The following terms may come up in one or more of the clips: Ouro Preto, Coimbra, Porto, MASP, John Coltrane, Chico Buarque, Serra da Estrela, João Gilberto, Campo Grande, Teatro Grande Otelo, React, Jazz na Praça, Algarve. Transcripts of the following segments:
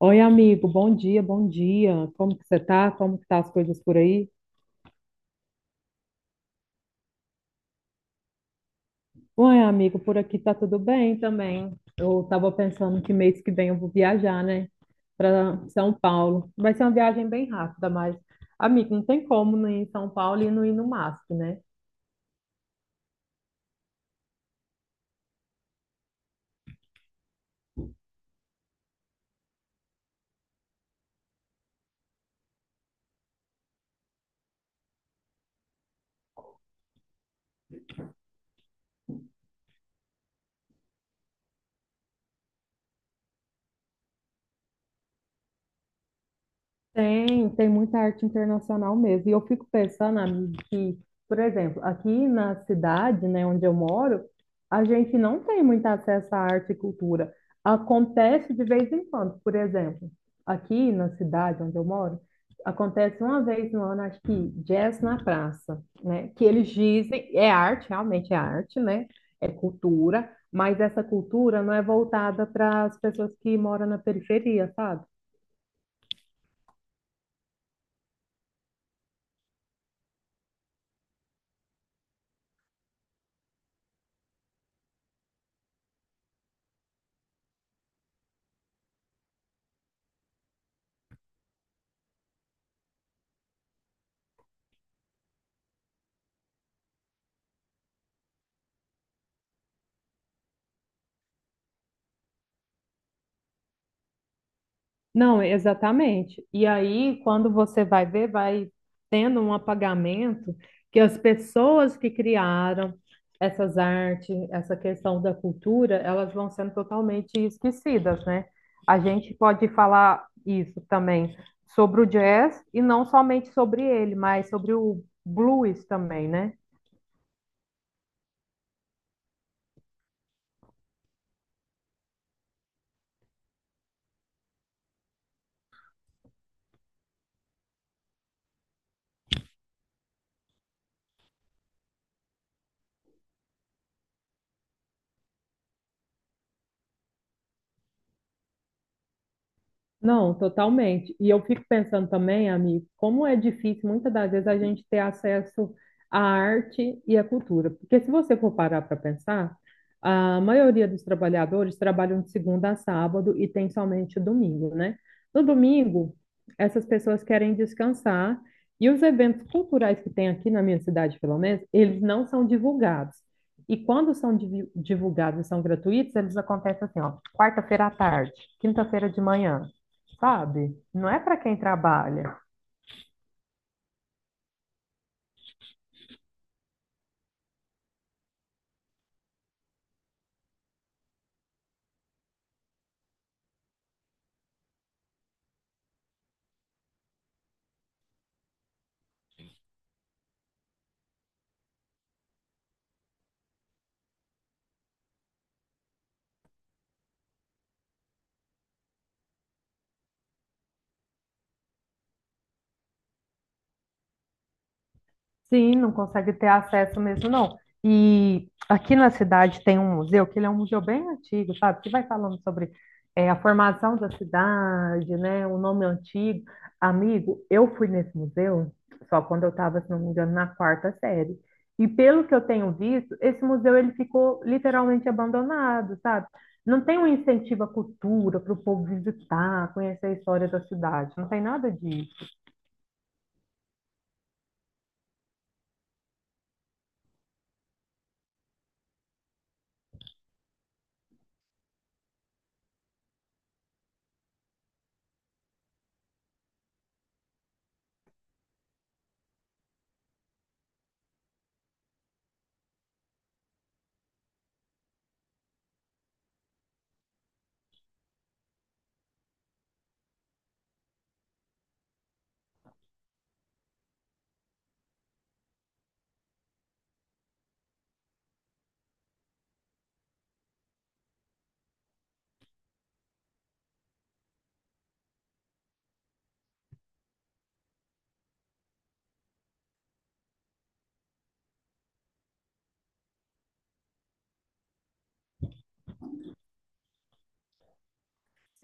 Oi, amigo, bom dia, bom dia. Como que você tá? Como que tá as coisas por aí? Oi, amigo, por aqui tá tudo bem também. Eu tava pensando que mês que vem eu vou viajar, né, para São Paulo. Vai ser uma viagem bem rápida, mas amigo, não tem como não ir em São Paulo e não ir no MASP, né? Tem muita arte internacional mesmo. E eu fico pensando, amigo, que, por exemplo, aqui na cidade, né, onde eu moro, a gente não tem muito acesso à arte e cultura. Acontece de vez em quando, por exemplo, aqui na cidade onde eu moro, acontece uma vez no ano, acho que Jazz na Praça, né? Que eles dizem, é arte, realmente é arte, né? É cultura, mas essa cultura não é voltada para as pessoas que moram na periferia, sabe? Não, exatamente. E aí, quando você vai ver, vai tendo um apagamento que as pessoas que criaram essas artes, essa questão da cultura, elas vão sendo totalmente esquecidas, né? A gente pode falar isso também sobre o jazz e não somente sobre ele, mas sobre o blues também, né? Não, totalmente. E eu fico pensando também, amigo, como é difícil muitas das vezes a gente ter acesso à arte e à cultura. Porque se você for parar para pensar, a maioria dos trabalhadores trabalham de segunda a sábado e tem somente o domingo, né? No domingo, essas pessoas querem descansar e os eventos culturais que tem aqui na minha cidade, pelo menos, eles não são divulgados. E quando são divulgados e são gratuitos, eles acontecem assim, ó, quarta-feira à tarde, quinta-feira de manhã sabe? Não é para quem trabalha. Sim, não consegue ter acesso mesmo, não. E aqui na cidade tem um museu, que ele é um museu bem antigo, sabe? Que vai falando sobre é, a formação da cidade, né? O nome antigo. Amigo, eu fui nesse museu só quando eu estava, se não me engano, na quarta série. E pelo que eu tenho visto, esse museu ele ficou literalmente abandonado, sabe? Não tem um incentivo à cultura para o povo visitar, conhecer a história da cidade, não tem nada disso.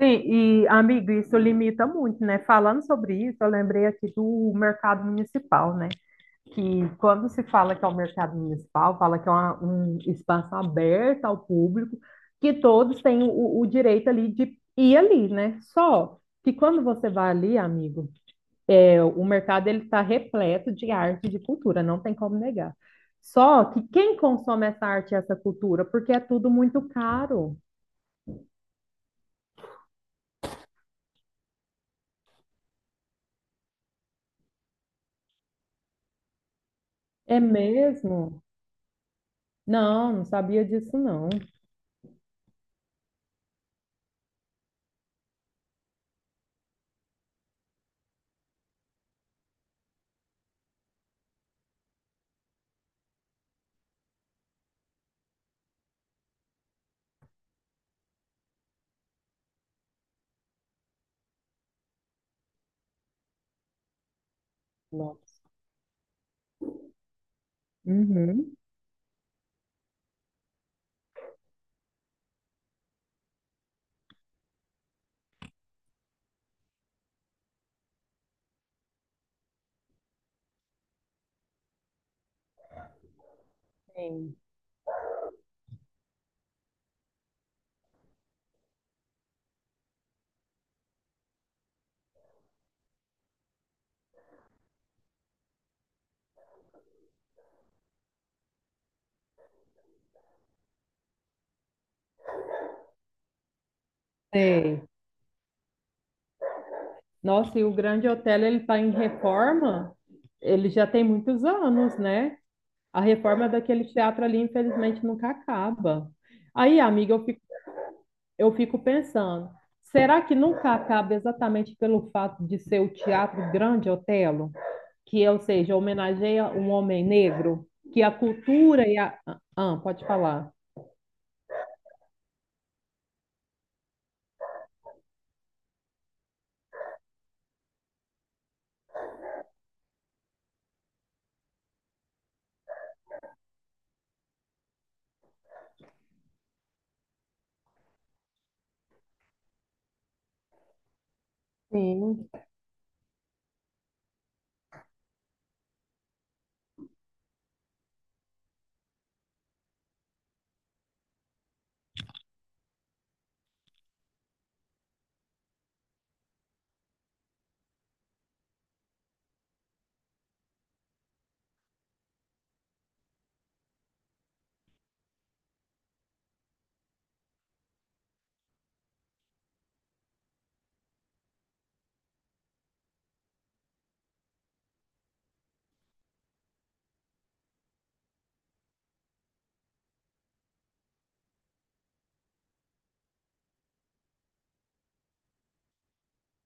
Sim, e amigo, isso limita muito, né? Falando sobre isso, eu lembrei aqui do mercado municipal, né? Que quando se fala que é o mercado municipal, fala que é um espaço aberto ao público, que todos têm o direito ali de ir ali, né? Só que quando você vai ali, amigo, é, o mercado ele está repleto de arte e de cultura, não tem como negar. Só que quem consome essa arte e essa cultura? Porque é tudo muito caro. É mesmo? Não, não sabia disso, não. Nossa. Uhum. Tem. Sei. Nossa, e o Grande Hotel, ele está em reforma, ele já tem muitos anos, né? A reforma é daquele teatro ali, infelizmente, nunca acaba. Aí, amiga, eu fico pensando, será que nunca acaba exatamente pelo fato de ser o Teatro Grande Otelo, que, ou seja, homenageia um homem negro, que a cultura e a... Ah, pode falar. Sim.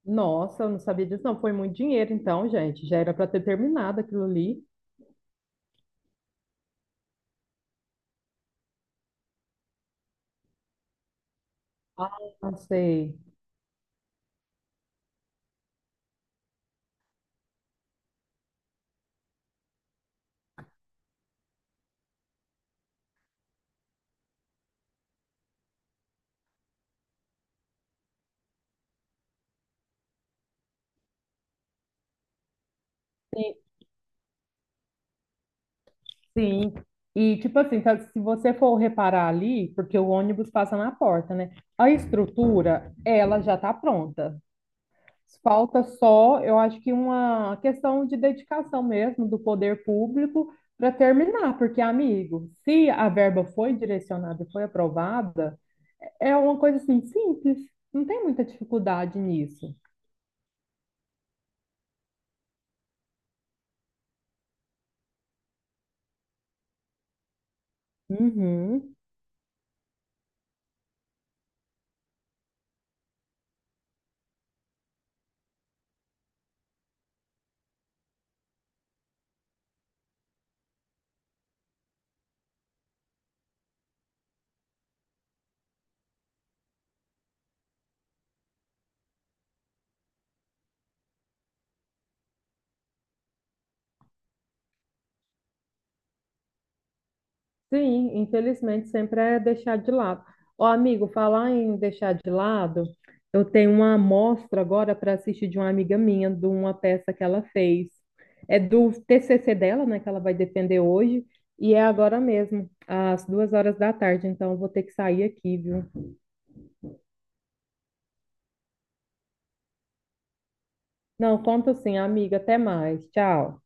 Nossa, eu não sabia disso, não. Foi muito dinheiro, então, gente. Já era para ter terminado aquilo ali. Ah, sei. Sim. E, tipo assim, se você for reparar ali, porque o ônibus passa na porta, né? A estrutura, ela já tá pronta. Falta só, eu acho que uma questão de dedicação mesmo do poder público para terminar, porque, amigo, se a verba foi direcionada e foi aprovada, é uma coisa assim simples. Não tem muita dificuldade nisso. Uhum. Sim, infelizmente sempre é deixar de lado. Ó, amigo, falar em deixar de lado, eu tenho uma amostra agora para assistir de uma amiga minha, de uma peça que ela fez. É do TCC dela, né, que ela vai defender hoje, e é agora mesmo, às 2 horas da tarde, então eu vou ter que sair aqui, viu? Não, conta sim, amiga, até mais. Tchau.